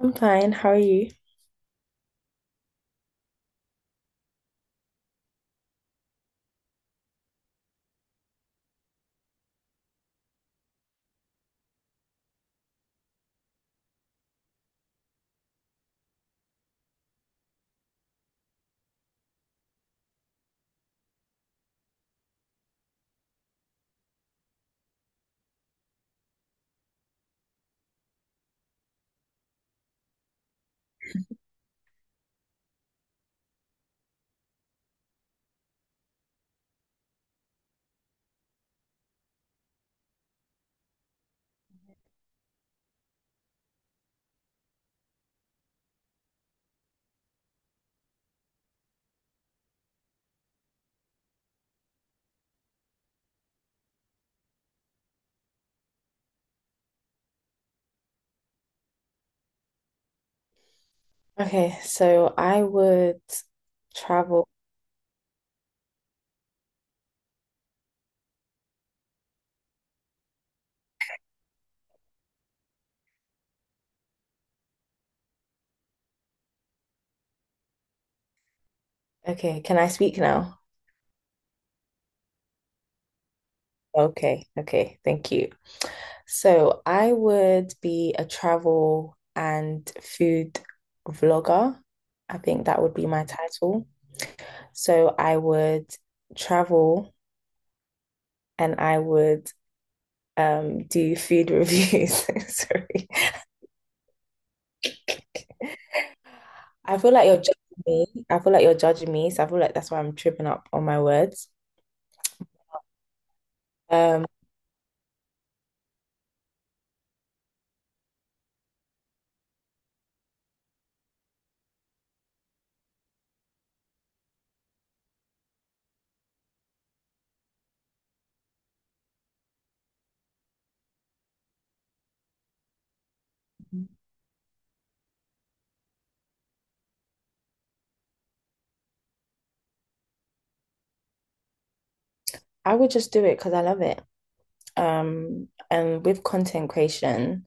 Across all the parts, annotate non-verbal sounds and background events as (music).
I'm fine. How are you? Okay, so I would travel. Okay, can I speak now? Okay, okay, thank you. So I would be a travel and food vlogger. I think that would be my title. So I would travel and I would do food reviews. (laughs) Sorry. I feel like you're judging me. I feel like you're judging me, so I feel like that's why I'm tripping up on my words. Um, I would just do it because I love it. And with content creation,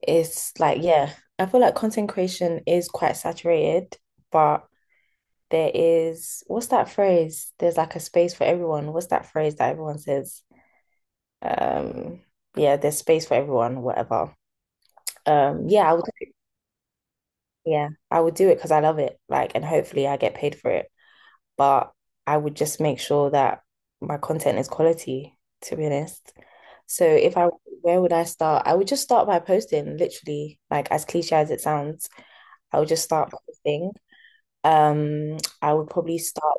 it's like, yeah, I feel like content creation is quite saturated, but there is, what's that phrase? There's like a space for everyone. What's that phrase that everyone says? Um, yeah, there's space for everyone, whatever. Um, yeah, I would, yeah, I would do it because I love it, like, and hopefully I get paid for it. But I would just make sure that my content is quality, to be honest. So if I, Where would I start? I would just start by posting, literally, like as cliche as it sounds, I would just start posting. I would probably start,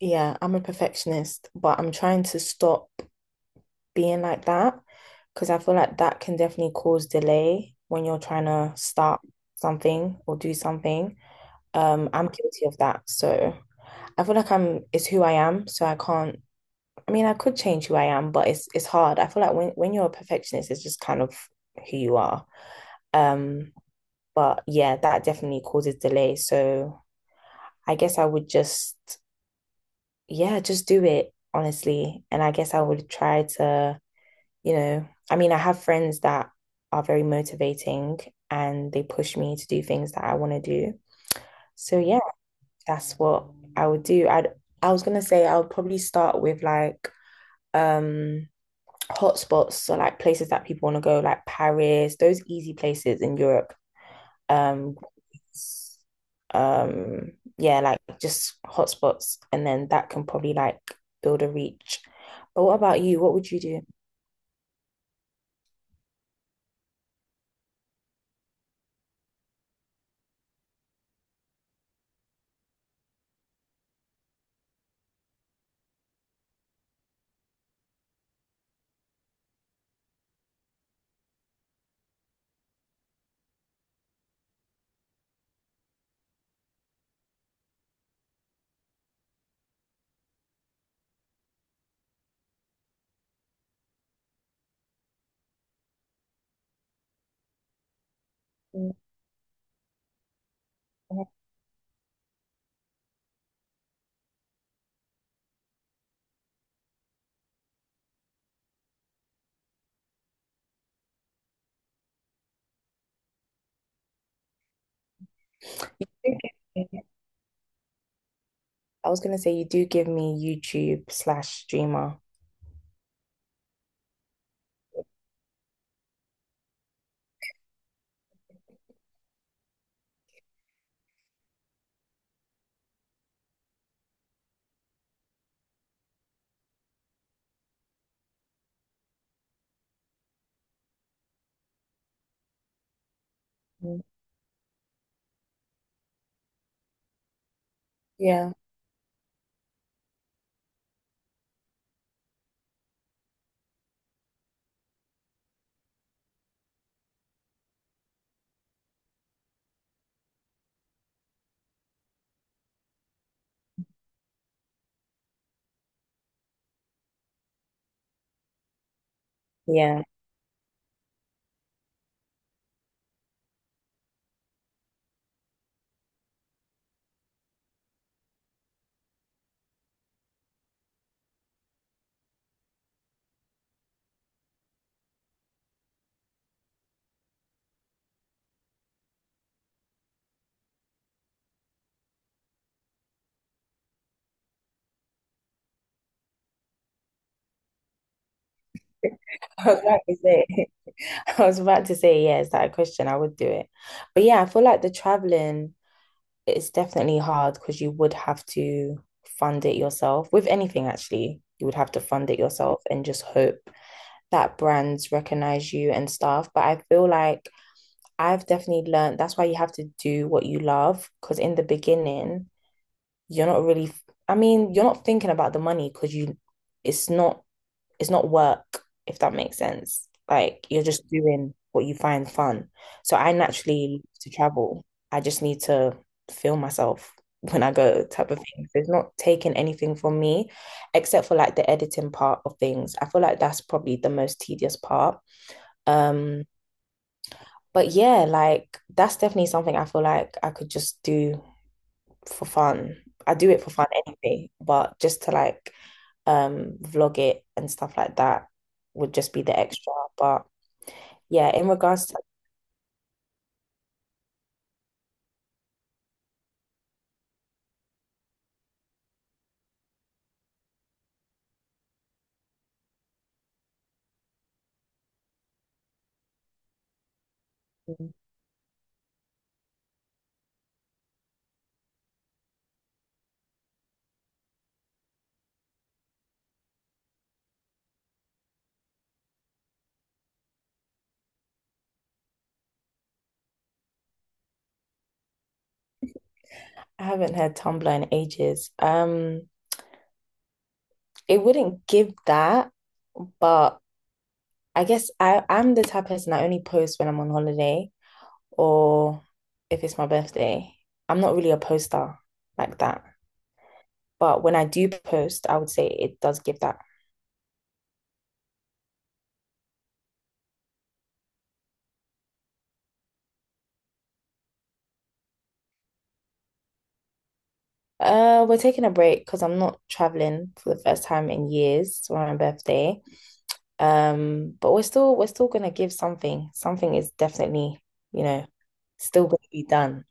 Yeah, I'm a perfectionist, but I'm trying to stop being like that because I feel like that can definitely cause delay when you're trying to start something or do something. I'm guilty of that. So I feel like I'm, it's who I am. So I can't, I mean, I could change who I am, but it's hard. I feel like when you're a perfectionist, it's just kind of who you are. Um, but yeah, that definitely causes delay. So I guess I would just, yeah, just do it honestly. And I guess I would try to, I mean, I have friends that are very motivating and they push me to do things that I want to do. So yeah, that's what I would do. I was gonna say I would probably start with like um hotspots, so like places that people want to go, like Paris, those easy places in Europe. Um, um, yeah, like just hotspots, and then that can probably like build a reach. But what about you? What would you do? Mm. I think- I was gonna say you do give me YouTube slash streamer. Mm. Yeah, yeah. (laughs) I was about to say, (laughs) I was about to say, yeah, is that a question? I would do it. But yeah, I feel like the traveling is definitely hard because you would have to fund it yourself. With anything, actually, you would have to fund it yourself and just hope that brands recognize you and stuff. But I feel like I've definitely learned that's why you have to do what you love. Because in the beginning, you're not really, I mean, you're not thinking about the money because it's not, it's not work, if that makes sense. Like you're just doing what you find fun. So I naturally love to travel. I just need to feel myself (laughs) when I go, type of thing. So it's not taking anything from me except for like the editing part of things. I feel like that's probably the most tedious part, um, but yeah, like that's definitely something I feel like I could just do for fun. I do it for fun anyway, but just to like vlog it and stuff like that would just be the extra. But yeah, in regards to I haven't had Tumblr in ages. It wouldn't give that, but I guess, I'm the type of person, I only post when I'm on holiday or if it's my birthday. I'm not really a poster like that. But when I do post, I would say it does give that. We're taking a break because I'm not traveling for the first time in years for my birthday. But we're still gonna give something. Something is definitely, you know, still gonna be done.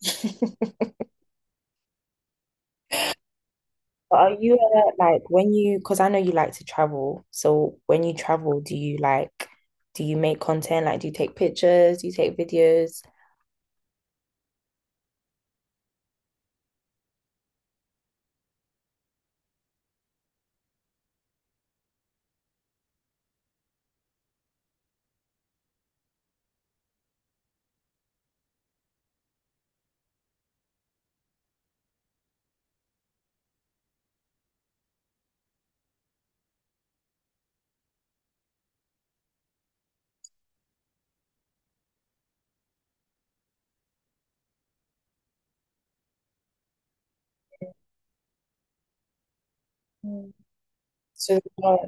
(laughs) But are you, like when you, because I know you like to travel, so when you travel, do you like, do you make content? Like, do you take pictures? Do you take videos? Mm. So,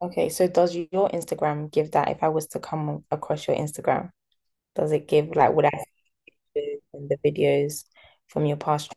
okay, so does your Instagram give that? If I was to come across your Instagram, does it give like what I see in the videos from your past?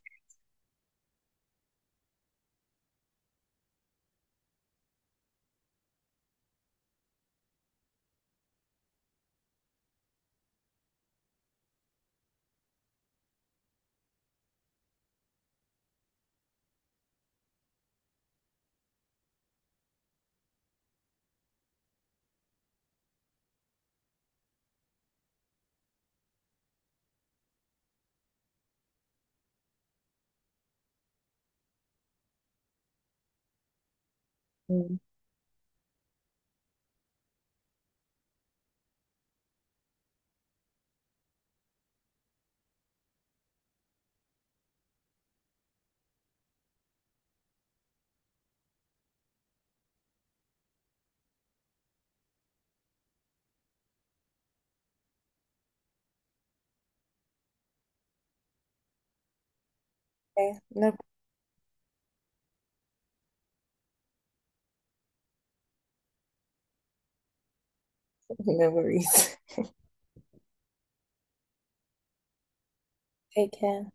Mm. Okay, no, (laughs) no worries. Take care.